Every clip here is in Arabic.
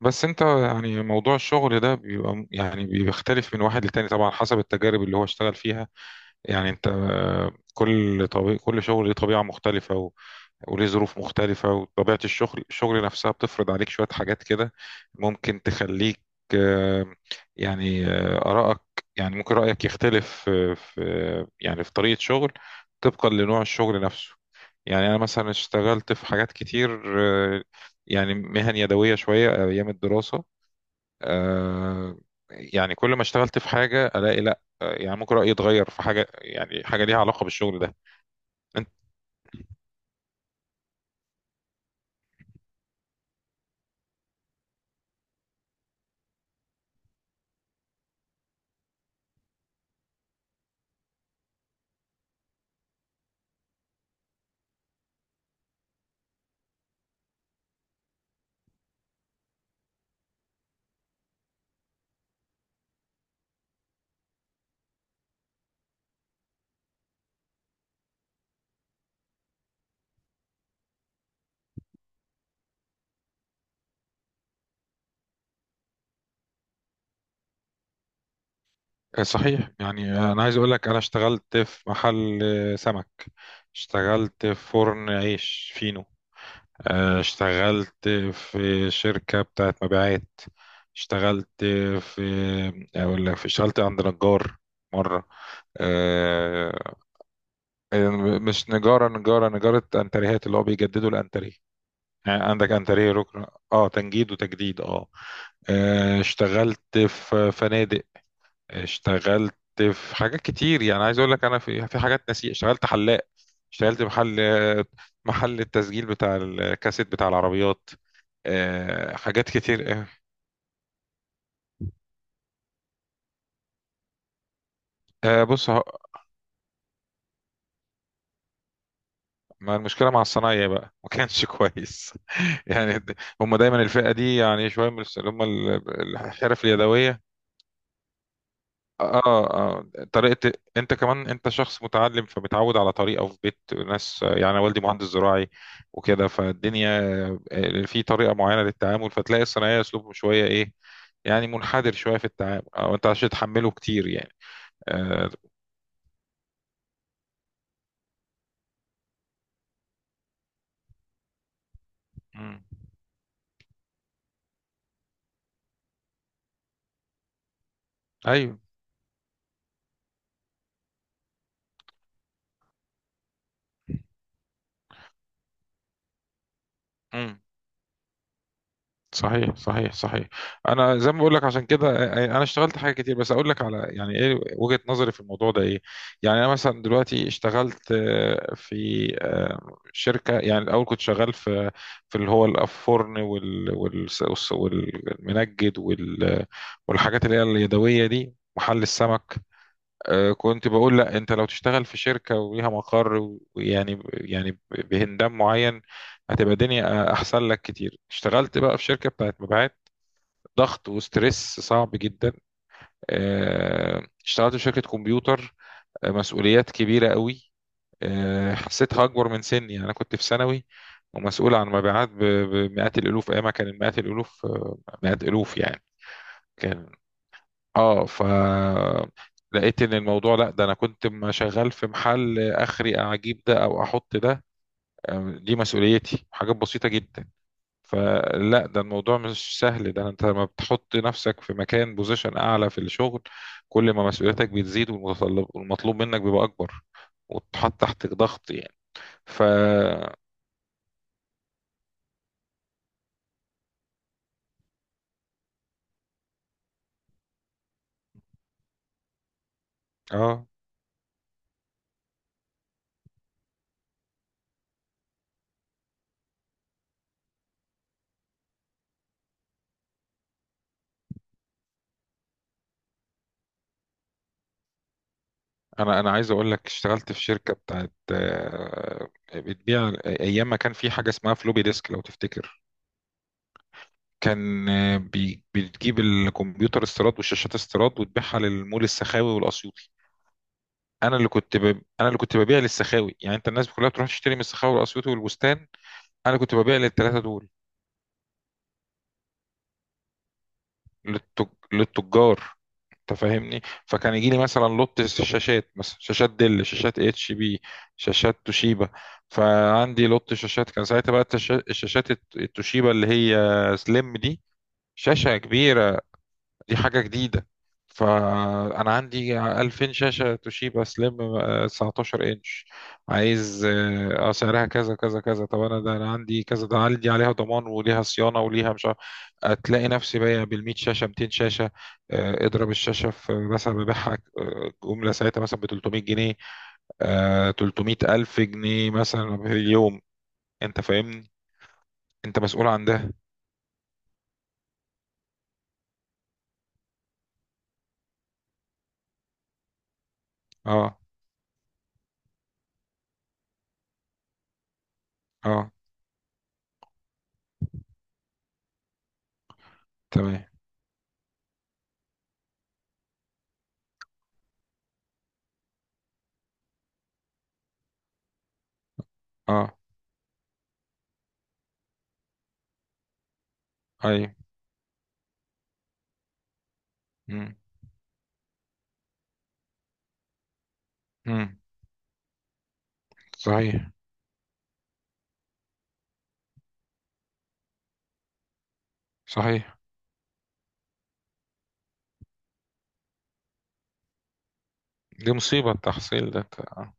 بس انت يعني موضوع الشغل ده بيبقى بيختلف من واحد للتاني طبعا حسب التجارب اللي هو اشتغل فيها. يعني انت كل طبيعي، كل شغل ليه طبيعة مختلفة و- وليه ظروف مختلفة، وطبيعة الشغل نفسها بتفرض عليك شوية حاجات كده، ممكن تخليك. آه، آرائك، يعني ممكن رأيك يختلف آه، في آه، يعني في طريقة شغل طبقا لنوع الشغل نفسه. يعني أنا مثلا اشتغلت في حاجات كتير، آه، يعني مهن يدوية شوية أيام الدراسة. آه، يعني كل ما اشتغلت في حاجة ألاقي لأ، يعني ممكن رأيي يتغير في حاجة، يعني حاجة ليها علاقة بالشغل ده. أنت. صحيح، يعني أنا عايز أقول لك أنا اشتغلت في محل سمك، اشتغلت في فرن عيش فينو، اشتغلت في شركة بتاعت مبيعات، اشتغلت في، أقول لك اشتغلت عند نجار مرة، آه، مش نجارة، نجارة أنتريهات، اللي هو بيجددوا الأنتريه، يعني عندك انتريه ركن، اه تنجيد وتجديد اه. اشتغلت في فنادق، اشتغلت في حاجات كتير. يعني عايز اقول لك انا في حاجات نسيت، اشتغلت حلاق، اشتغلت محل، محل التسجيل بتاع الكاسيت بتاع العربيات. حاجات كتير. آه، بص ه- ما المشكله مع الصنايعي بقى ما كانش كويس. يعني د- هم دايما الفئه دي، يعني شويه من الس- اللي هم ال- الحرف اليدويه. اه اه. طريقة، انت كمان انت شخص متعلم فبتعود على طريقة في بيت ناس. يعني أنا والدي مهندس زراعي وكده، فالدنيا في طريقة معينة للتعامل، فتلاقي الصناعية اسلوبهم شوية ايه، يعني منحدر شوية في التعامل، او انت عشان تحمله كتير يعني. آه. مم. ايوه. مم. صحيح صحيح صحيح. انا زي ما بقول لك عشان كده انا اشتغلت حاجه كتير، بس اقول لك على يعني ايه وجهه نظري في الموضوع ده ايه. يعني انا مثلا دلوقتي اشتغلت في شركه. يعني الاول كنت شغال في، في اللي هو الفرن وال وال- والس- والمنجد وال- والحاجات اللي هي اليدويه دي، محل السمك. كنت بقول لا، انت لو تشتغل في شركة وليها مقر و- ويعني بهندام معين هتبقى الدنيا احسن لك كتير. اشتغلت بقى في شركة بتاعت مبيعات، ضغط وستريس صعب جدا. اشتغلت في شركة كمبيوتر، مسؤوليات كبيرة قوي، حسيتها اكبر من سني، يعني انا كنت في ثانوي ومسؤول عن مبيعات ب- بمئات الالوف. ايامها كان مئات الالوف، مئات الالوف يعني. كان، اه، ف، لقيت ان الموضوع لا، ده انا كنت شغال في محل اخري اجيب ده او احط ده. دي مسؤوليتي حاجات بسيطه جدا. فلا، ده الموضوع مش سهل، ده انت لما بتحط نفسك في مكان، بوزيشن اعلى في الشغل، كل ما مسؤوليتك بتزيد، والمتطلب والمطلوب منك بيبقى اكبر وتحط تحت ضغط يعني. ف، اه، انا عايز اقول لك اشتغلت في شركه بتاعت بتبيع ايام ما كان في حاجه اسمها فلوبي ديسك لو تفتكر. كان بتجيب الكمبيوتر استيراد والشاشات استيراد وتبيعها للمول السخاوي والاسيوطي. انا اللي كنت ب... انا اللي كنت ببيع للسخاوي. يعني انت الناس كلها بتروح تشتري من السخاوي والاسيوطي والبستان، انا كنت ببيع للثلاثه دول. للتج... للتجار، انت فاهمني. فكان يجي لي مثلا لوت شاشات، مثلا شاشات ديل، شاشات اتش بي، شاشات توشيبا. فعندي لوت شاشات كان ساعتها بقى التوشيبا اللي هي سليم دي، شاشة كبيرة، دي حاجة جديدة. فأنا عندي 2000 شاشة توشيبا سليم، 19 إنش. عايز اه، سعرها كذا كذا كذا، طب أنا ده، أنا عندي كذا، ده أنا عندي عليها ضمان وليها صيانة وليها مش عارف. هتلاقي نفسي بايع بال100 شاشة، 200 شاشة. اضرب الشاشة في، مثلا ببيعها جملة ساعتها مثلا ب 300 جنيه، 300 ألف جنيه مثلا في اليوم. أنت فاهمني، أنت مسؤول عن ده. أه. أه. تمام. أه. أيوه. مم. مم. صحيح صحيح. دي مصيبة التحصيل ده انت.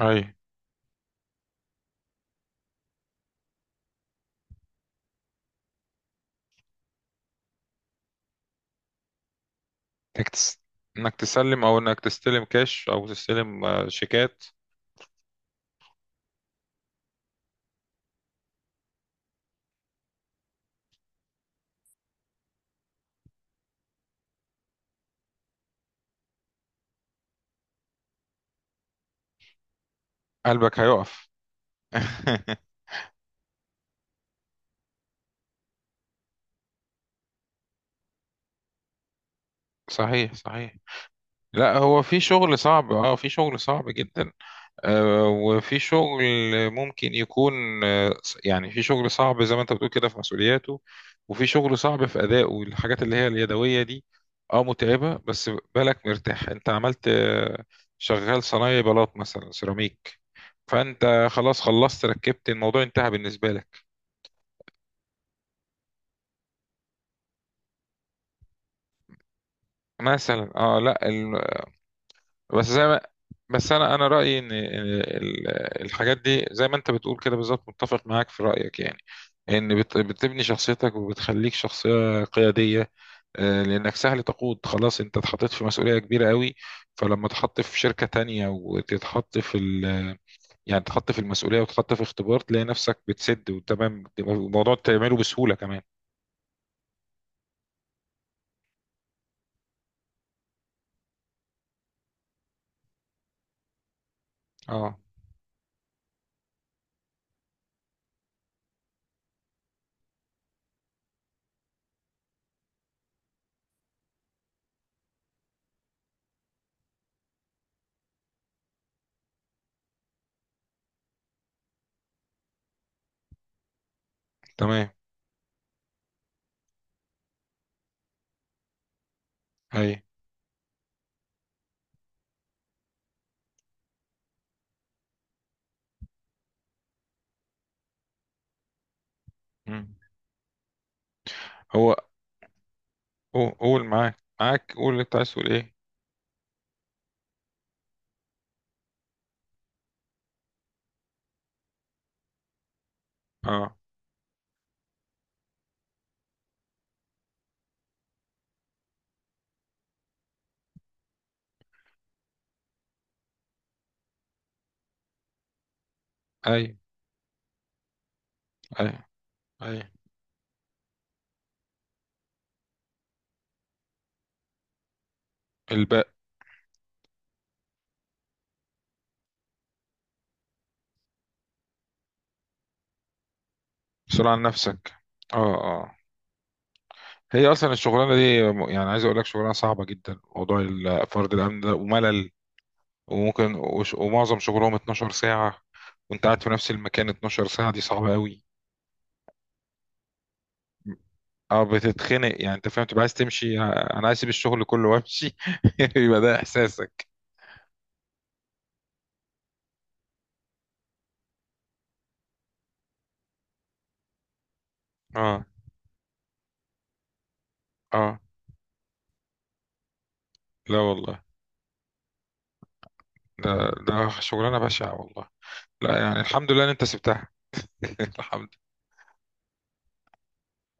اي. انك تس... انك تسلم، او انك تستلم كاش او تستلم شيكات. قلبك هيقف. صحيح صحيح. لا، هو في شغل صعب، اه في شغل صعب جدا. وفي شغل ممكن يكون آه، يعني في شغل صعب زي ما انت بتقول كده في مسؤولياته، وفي شغل صعب في أدائه، الحاجات اللي هي اليدوية دي اه متعبة، بس بالك مرتاح. انت عملت شغال صنايعي بلاط مثلا سيراميك، فانت خلاص، خلصت ركبت، الموضوع انتهى بالنسبة لك. مثلا، اه، لا. بس زي ما، بس انا رايي ان الحاجات دي زي ما انت بتقول كده بالظبط، متفق معاك في رايك. يعني ان بتبني شخصيتك وبتخليك شخصيه قياديه، لانك سهل تقود، خلاص انت اتحطيت في مسؤوليه كبيره قوي. فلما تحط في شركه تانية وتتحط في ال، يعني تحط في المسؤوليه وتحط في اختبار، تلاقي نفسك بتسد وتمام، بتبقى الموضوع تعمله بسهوله كمان. اه. تمام. اي. مم. هو، قول معاك قول اللي انت عايز تقول ايه. اه. اي اي اي. الباء، بسرعة عن نفسك. اه اه. هي اصلا الشغلانه دي يعني عايز اقول لك شغلانه صعبه جدا، موضوع فرد الامن ده، وملل، وممكن وش- ومعظم شغلهم 12 ساعه، وانت قاعد في نفس المكان 12 ساعه، دي صعبه قوي. اه بتتخنق، يعني انت فاهم تبقى عايز تمشي، انا عايز اسيب الشغل كله وامشي يبقى ده احساسك. اه اه. لا والله، ده، ده شغلانه بشعه والله. لا يعني الحمد لله ان انت سبتها. الحمد،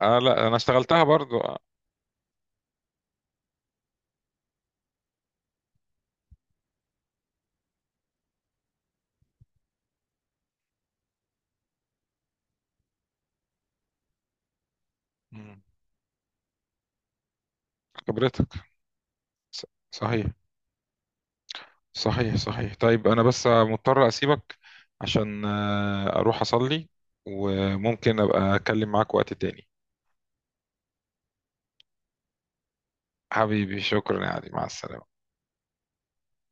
اه، لا انا اشتغلتها برضو. آه. مم. خبرتها. ص- صحيح صحيح صحيح. طيب انا بس مضطر اسيبك عشان اروح اصلي، وممكن ابقى اتكلم معاك وقت تاني. حبيبي شكرا يا علي، مع السلامة.